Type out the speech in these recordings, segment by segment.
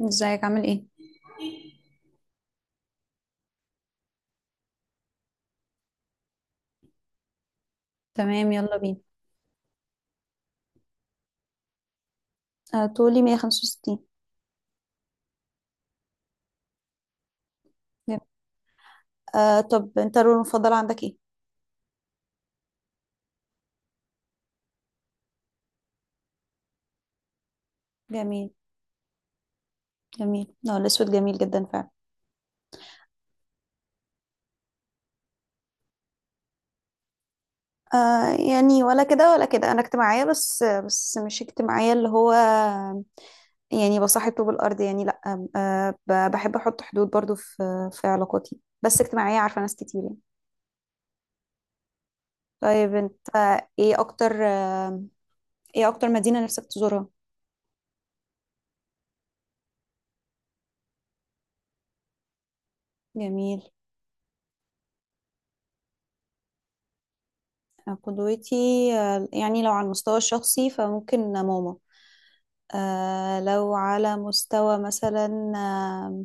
ازيك عامل ايه؟ تمام، يلا بينا. طولي 165. طب انت اللون المفضل عندك ايه؟ جميل. جميل، اه الاسود جميل جدا فعلا. يعني ولا كده ولا كده، انا اجتماعية بس مش اجتماعية اللي هو يعني بصاحب طوب الارض، يعني لا. بحب احط حدود برضو في علاقاتي، بس اجتماعية، عارفة ناس كتير يعني. طيب انت، ايه اكتر آه ايه اكتر مدينة نفسك تزورها؟ جميل. قدوتي؟ يعني لو على المستوى الشخصي فممكن ماما. لو على مستوى مثلا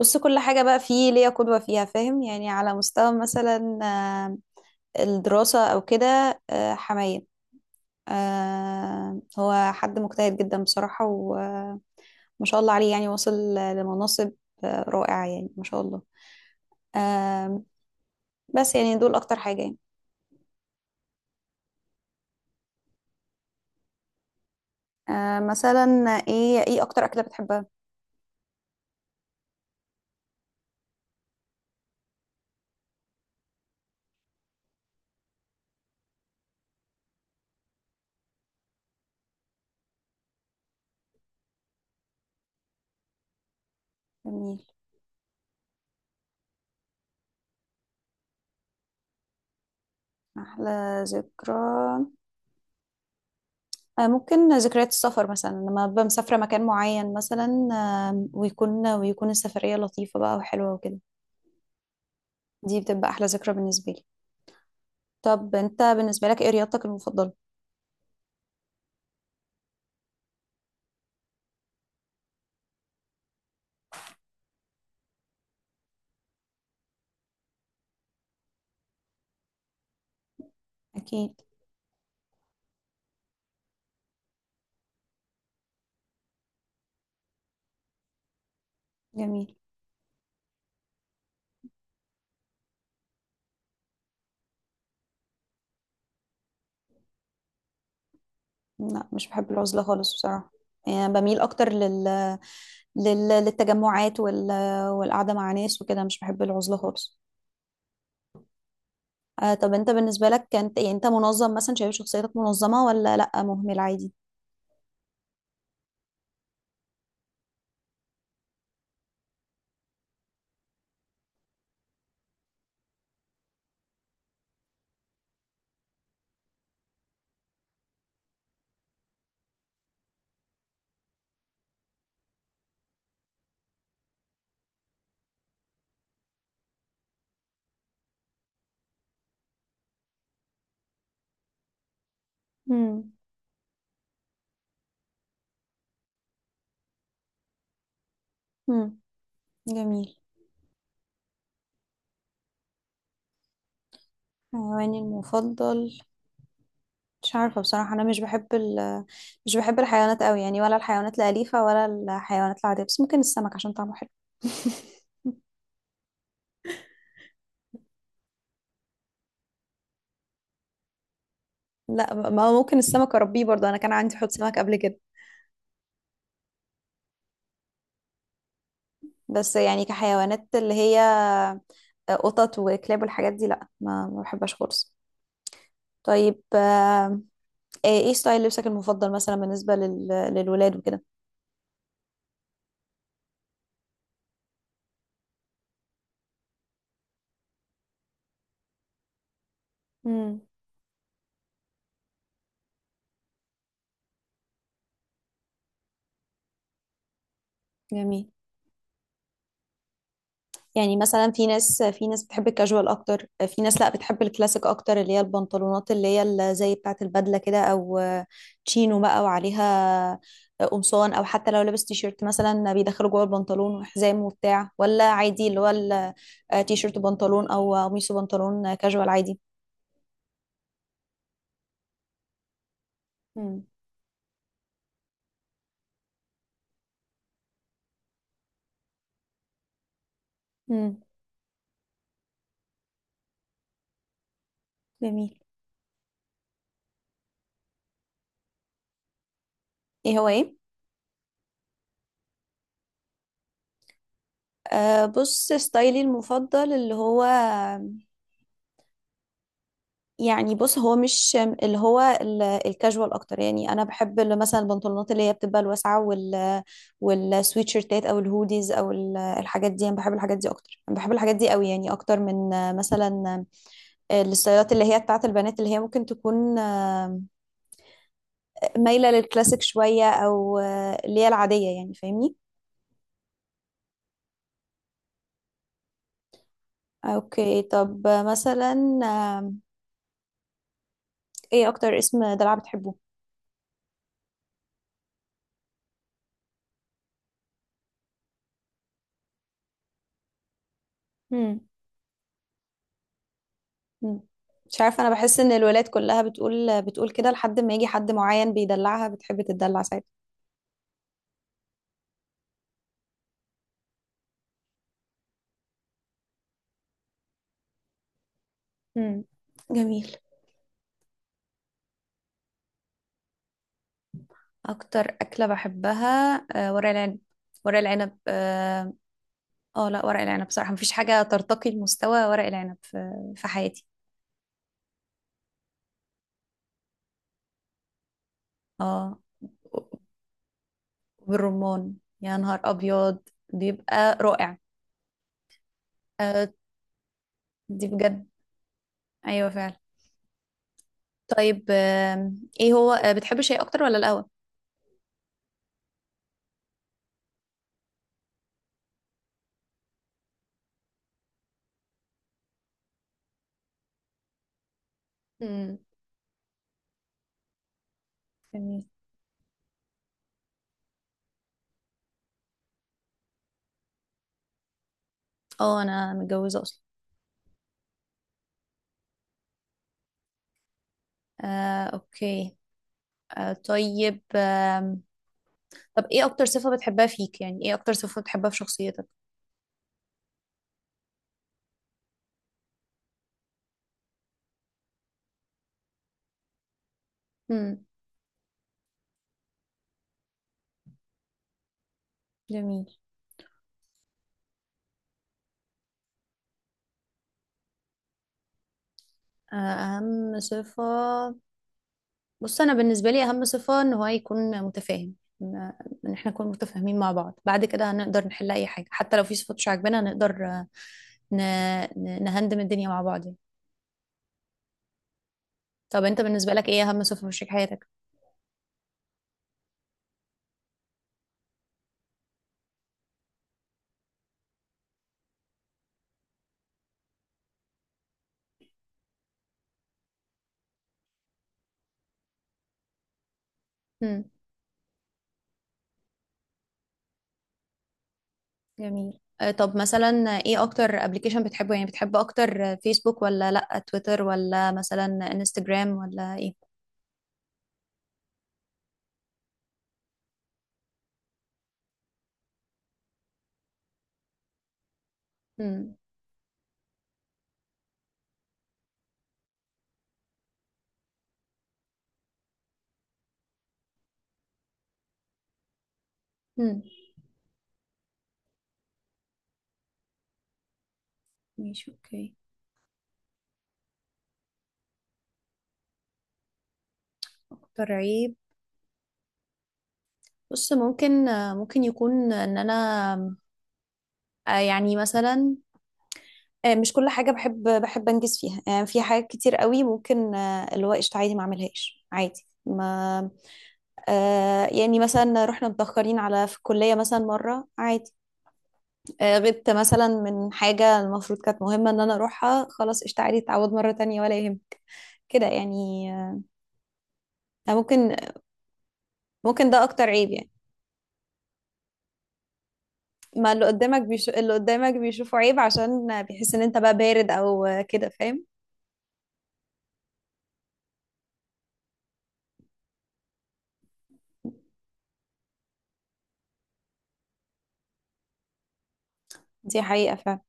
بص، كل حاجة بقى فيه ليا قدوة فيها، فاهم؟ يعني على مستوى مثلا الدراسة أو كده. حماية. هو حد مجتهد جدا بصراحة، وما شاء الله عليه يعني وصل لمناصب رائعة، يعني ما شاء الله. آه. بس يعني دول أكتر حاجة يعني. مثلا، إيه أكتر أكلة بتحبها؟ جميل. أحلى ذكرى؟ ممكن ذكريات السفر، مثلا لما ببقى مسافرة مكان معين مثلا، ويكون السفرية لطيفة بقى وحلوة وكده. دي بتبقى أحلى ذكرى بالنسبة لي. طب أنت بالنسبة لك إيه رياضتك المفضلة؟ أكيد. جميل. لا مش بحب العزلة خالص بصراحة. يعني بميل أكتر للتجمعات والقعدة مع ناس وكده، مش بحب العزلة خالص. طب أنت بالنسبة لك كانت، يعني أنت منظم مثلا، شايف شخصيتك منظمة ولا لأ مهمل عادي؟ امم. امم. جميل. حيواني المفضل؟ مش عارفة بصراحة، أنا مش بحب مش بحب الحيوانات أوي يعني، ولا الحيوانات الأليفة ولا الحيوانات العادية، بس ممكن السمك عشان طعمه حلو. لا، ما هو ممكن السمك أربيه برضه، أنا كان عندي حوض سمك قبل كده. بس يعني كحيوانات اللي هي قطط وكلاب والحاجات دي، لا، ما بحبهاش خالص. طيب، إيه ستايل لبسك المفضل، مثلا بالنسبة للولاد وكده؟ امم. جميل. يعني مثلا في ناس بتحب الكاجوال اكتر، في ناس لا، بتحب الكلاسيك اكتر اللي هي البنطلونات اللي هي زي بتاعه البدله كده، او تشينو بقى وعليها قمصان، او حتى لو لابس تيشيرت مثلا بيدخله جوه البنطلون وحزام وبتاع، ولا عادي اللي هو تيشيرت بنطلون، او قميص بنطلون كاجوال عادي. امم. امم. جميل. ايه هو ايه؟ بص ستايلي المفضل اللي هو، يعني بص هو مش، اللي هو الكاجوال اكتر يعني، انا بحب اللي مثلا البنطلونات اللي هي بتبقى الواسعه، والسويت شيرتات او الهوديز، او الحاجات دي، انا بحب الحاجات دي اكتر، انا بحب الحاجات دي قوي يعني، اكتر من مثلا الستايلات اللي هي بتاعت البنات، اللي هي ممكن تكون مايله للكلاسيك شويه، او اللي هي العاديه يعني، فاهمني؟ اوكي، طب مثلا ايه اكتر اسم دلع بتحبه؟ مم. مش عارفة، أنا بحس إن الولاد كلها بتقول كده لحد ما يجي حد معين بيدلعها بتحب تدلع ساعتها. مم. جميل. اكتر اكله بحبها ورق العنب. ورق العنب، اه. لا ورق العنب بصراحه مفيش حاجه ترتقي لمستوى ورق العنب في حياتي. اه، بالرمان. يا نهار ابيض، بيبقى رائع. آه، دي بجد. ايوه فعلا. طيب، ايه هو، بتحب الشاي اكتر ولا القهوه؟ مم. جميل. اه، انا متجوزه اصلا. اوكي. طيب، طب ايه اكتر صفة بتحبها فيك؟ يعني ايه اكتر صفة بتحبها في شخصيتك؟ امم. جميل. اهم صفة. بص، انا بالنسبة لي اهم صفة ان هو يكون متفاهم، ان إن احنا نكون متفاهمين مع بعض، بعد كده هنقدر نحل اي حاجة حتى لو في صفات مش عاجبانا، هنقدر ن... نهندم الدنيا مع بعض يعني. طب انت بالنسبة لك ايه اهم صفة في شريك حياتك؟ جميل. طب مثلا، ايه اكتر ابلكيشن بتحبه؟ يعني بتحب اكتر فيسبوك ولا، لا تويتر، ولا مثلا انستجرام، ولا ايه؟ امم. امم. ماشي، اوكي. اكتر عيب؟ بص، ممكن يكون ان انا يعني مثلا مش كل حاجة بحب انجز فيها، يعني في حاجات كتير قوي ممكن اللي هو قشطة عادي ما اعملهاش، عادي ما يعني مثلا رحنا متأخرين على في الكلية مثلا مرة، عادي. غبت مثلا من حاجة المفروض كانت مهمة ان انا اروحها، خلاص قشطة تعوض مرة تانية ولا يهمك كده يعني. ممكن ممكن ده اكتر عيب يعني. ما اللي قدامك بيشوفه عيب عشان بيحس ان انت بقى بارد او كده، فاهم؟ دي حقيقة فعلا.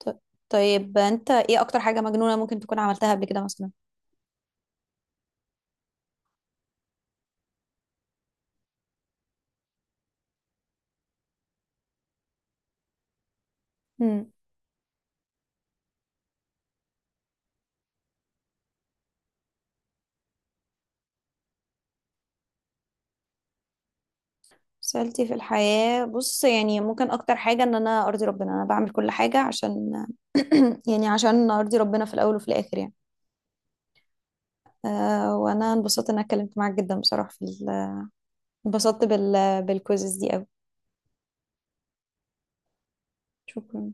ط- طيب انت ايه اكتر حاجة مجنونة ممكن تكون عملتها قبل كده مثلا؟ امم. سألتي في الحياة، بص يعني ممكن اكتر حاجة ان انا ارضي ربنا، انا بعمل كل حاجة عشان يعني عشان ارضي ربنا في الاول وفي الاخر يعني. وانا انبسطت ان انا اتكلمت معاك جدا بصراحة في انبسطت بالكوزز دي قوي. شكرا.